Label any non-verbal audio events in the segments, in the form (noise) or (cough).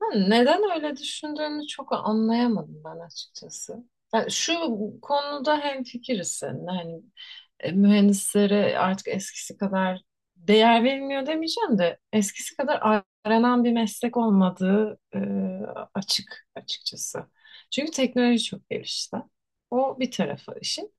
Ha, neden öyle düşündüğünü çok anlayamadım ben açıkçası. Yani şu konuda hemfikiriz seninle. Hani mühendislere artık eskisi kadar değer verilmiyor demeyeceğim de eskisi kadar aranan bir meslek olmadığı, açıkçası. Çünkü teknoloji çok gelişti. O bir tarafı işin.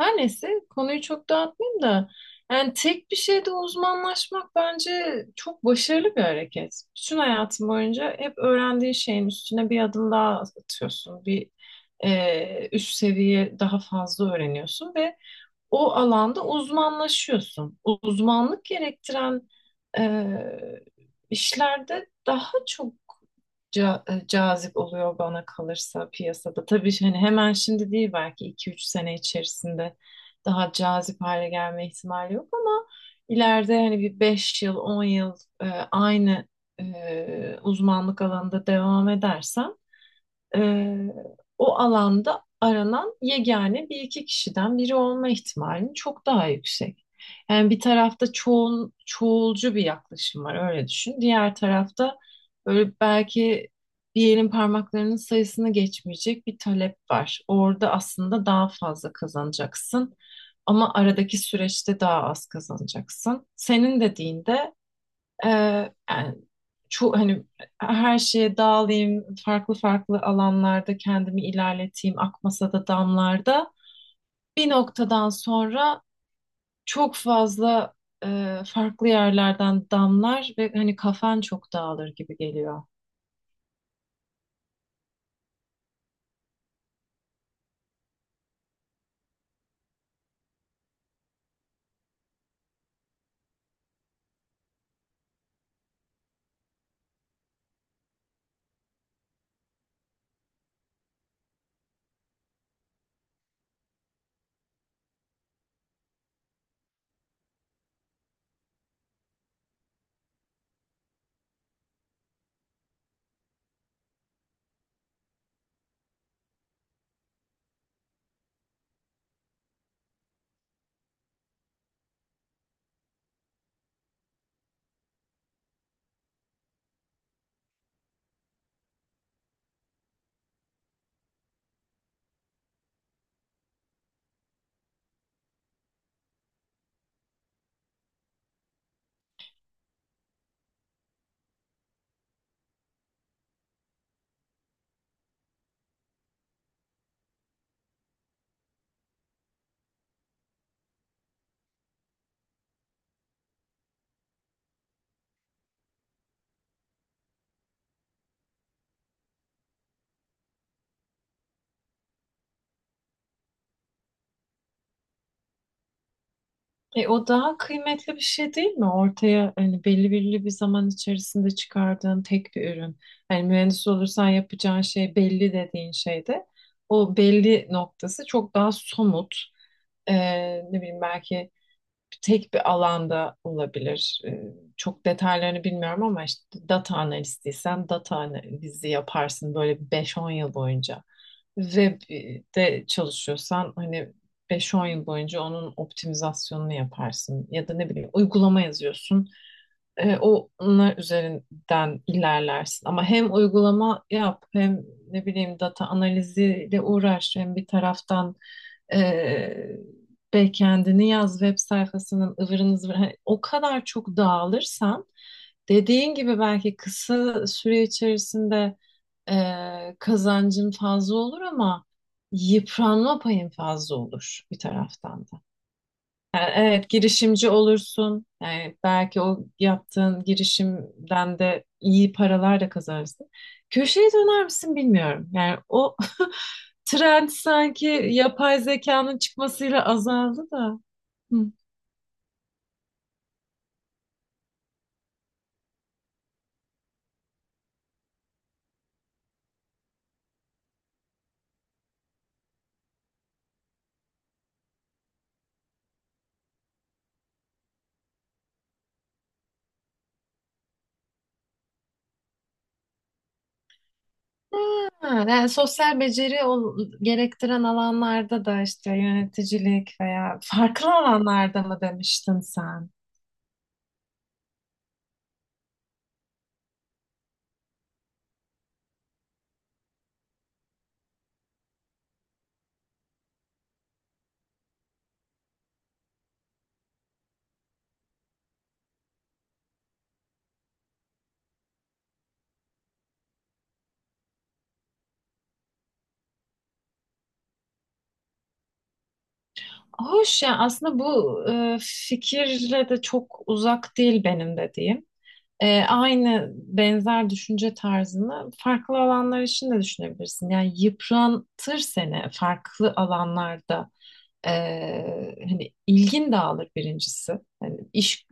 Her neyse, konuyu çok dağıtmayayım da yani tek bir şeyde uzmanlaşmak bence çok başarılı bir hareket. Bütün hayatın boyunca hep öğrendiğin şeyin üstüne bir adım daha atıyorsun. Bir üst seviye daha fazla öğreniyorsun ve o alanda uzmanlaşıyorsun. Uzmanlık gerektiren e, işlerde daha çok cazip oluyor bana kalırsa piyasada. Tabii hani hemen şimdi değil, belki 2 3 sene içerisinde daha cazip hale gelme ihtimali yok ama ileride hani bir 5 yıl, 10 yıl, e, aynı uzmanlık alanında devam edersem, ee, o alanda aranan yegane bir iki kişiden biri olma ihtimalin çok daha yüksek. Yani bir tarafta çoğul, çoğulcu bir yaklaşım var, öyle düşün. Diğer tarafta böyle belki bir elin parmaklarının sayısını geçmeyecek bir talep var. Orada aslında daha fazla kazanacaksın ama aradaki süreçte daha az kazanacaksın. Senin dediğinde ee, yani hani her şeye dağılayım, farklı farklı alanlarda kendimi ilerleteyim, akmasa da damlarda. Bir noktadan sonra çok fazla farklı yerlerden damlar ve hani kafan çok dağılır gibi geliyor. O daha kıymetli bir şey değil mi? Ortaya hani belli belli bir zaman içerisinde çıkardığın tek bir ürün. Hani mühendis olursan yapacağın şey belli dediğin şeyde o belli noktası çok daha somut. E, ne bileyim, belki tek bir alanda olabilir. Çok detaylarını bilmiyorum ama işte data analistiysen data analizi yaparsın böyle 5-10 yıl boyunca. Web'de çalışıyorsan hani 5-10 yıl boyunca onun optimizasyonunu yaparsın. Ya da ne bileyim, uygulama yazıyorsun. Onlar üzerinden ilerlersin. Ama hem uygulama yap, hem ne bileyim data analiziyle uğraş, hem bir taraftan e, backend'ini yaz, web sayfasının ıvırını zıvırını. Hani o kadar çok dağılırsan dediğin gibi belki kısa süre içerisinde kazancın fazla olur ama yıpranma payın fazla olur bir taraftan da. Yani evet, girişimci olursun. Yani belki o yaptığın girişimden de iyi paralar da kazanırsın. Köşeye döner misin bilmiyorum. Yani o (laughs) trend sanki yapay zekanın çıkmasıyla azaldı da. Hı. Ha, yani sosyal beceri gerektiren alanlarda da, işte yöneticilik veya farklı alanlarda mı demiştin sen? Hoş ya, aslında bu fikirle de çok uzak değil benim dediğim. Aynı benzer düşünce tarzını farklı alanlar için de düşünebilirsin. Yani yıpratır seni farklı alanlarda. Hani ilgin dağılır birincisi. Hani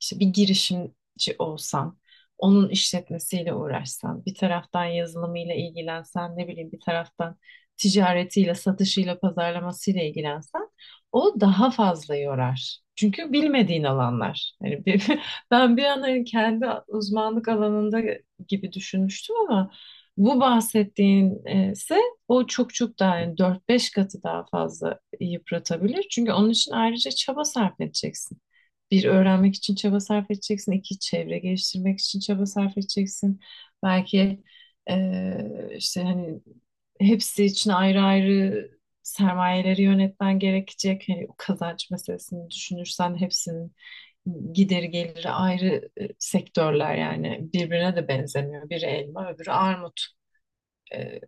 işte bir girişimci olsan, onun işletmesiyle uğraşsan, bir taraftan yazılımıyla ilgilensen, ne bileyim bir taraftan ticaretiyle, satışıyla, pazarlamasıyla ilgilensen, o daha fazla yorar. Çünkü bilmediğin alanlar. Hani (laughs) ben bir an hani kendi uzmanlık alanında gibi düşünmüştüm ama bu bahsettiğin ise o çok çok daha, yani dört beş katı daha fazla yıpratabilir. Çünkü onun için ayrıca çaba sarf edeceksin. Bir, öğrenmek için çaba sarf edeceksin; iki, çevre geliştirmek için çaba sarf edeceksin. Belki işte hani hepsi için ayrı ayrı sermayeleri yönetmen gerekecek. Hani o kazanç meselesini düşünürsen hepsinin gideri geliri ayrı sektörler, yani birbirine de benzemiyor. Biri elma, öbürü armut. Eee,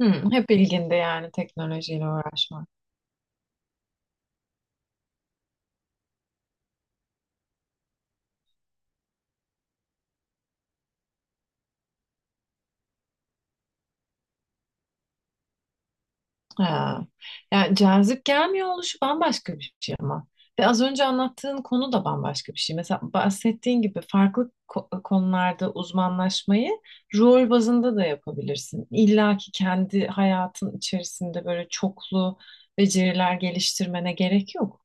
hı, hep ilginde yani teknolojiyle uğraşmak. Ha. Yani cazip gelmiyor oluşu bambaşka bir şey ama. Ve az önce anlattığın konu da bambaşka bir şey. Mesela bahsettiğin gibi farklı konularda uzmanlaşmayı rol bazında da yapabilirsin. İlla ki kendi hayatın içerisinde böyle çoklu beceriler geliştirmene gerek yok.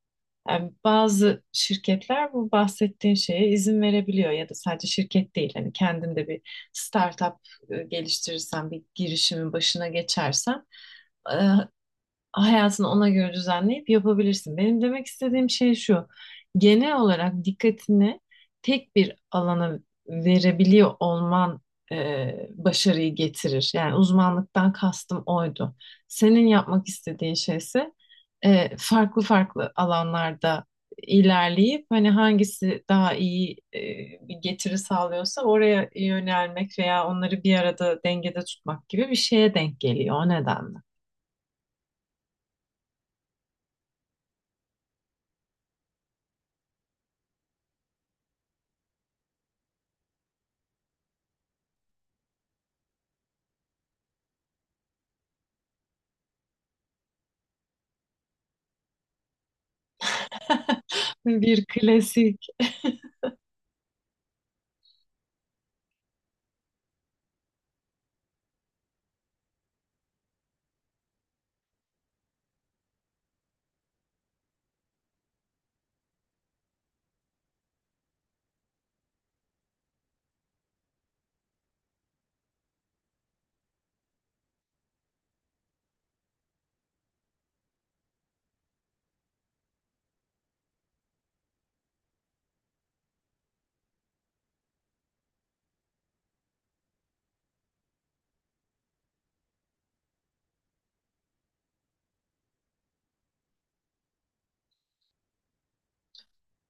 Yani bazı şirketler bu bahsettiğin şeye izin verebiliyor, ya da sadece şirket değil, hani kendin de bir startup geliştirirsen, bir girişimin başına geçersen, hayatını ona göre düzenleyip yapabilirsin. Benim demek istediğim şey şu. Genel olarak dikkatini tek bir alana verebiliyor olman, e, başarıyı getirir. Yani uzmanlıktan kastım oydu. Senin yapmak istediğin şey ise farklı farklı alanlarda ilerleyip hani hangisi daha iyi bir getiri sağlıyorsa oraya yönelmek veya onları bir arada dengede tutmak gibi bir şeye denk geliyor, o nedenle. Bir klasik.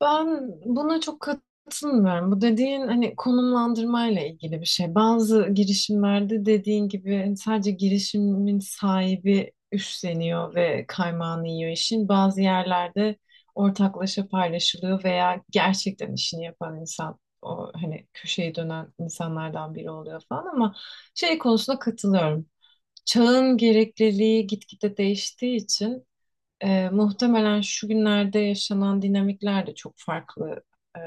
Ben buna çok katılmıyorum. Bu dediğin hani konumlandırmayla ilgili bir şey. Bazı girişimlerde dediğin gibi hani sadece girişimin sahibi üstleniyor ve kaymağını yiyor işin. Bazı yerlerde ortaklaşa paylaşılıyor veya gerçekten işini yapan insan o hani köşeyi dönen insanlardan biri oluyor falan ama şey konusunda katılıyorum. Çağın gerekliliği gitgide değiştiği için muhtemelen şu günlerde yaşanan dinamikler de çok farklı e,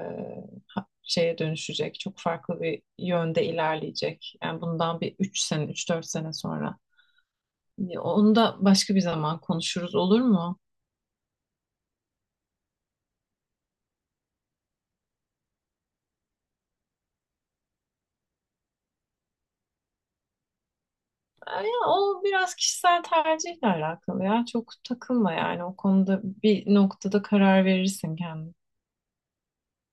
şeye dönüşecek. Çok farklı bir yönde ilerleyecek. Yani bundan bir 3 sene, 3 4 sene sonra. Ya, onu da başka bir zaman konuşuruz, olur mu? Ya, o biraz kişisel tercihle alakalı ya. Çok takılma yani, o konuda bir noktada karar verirsin kendin.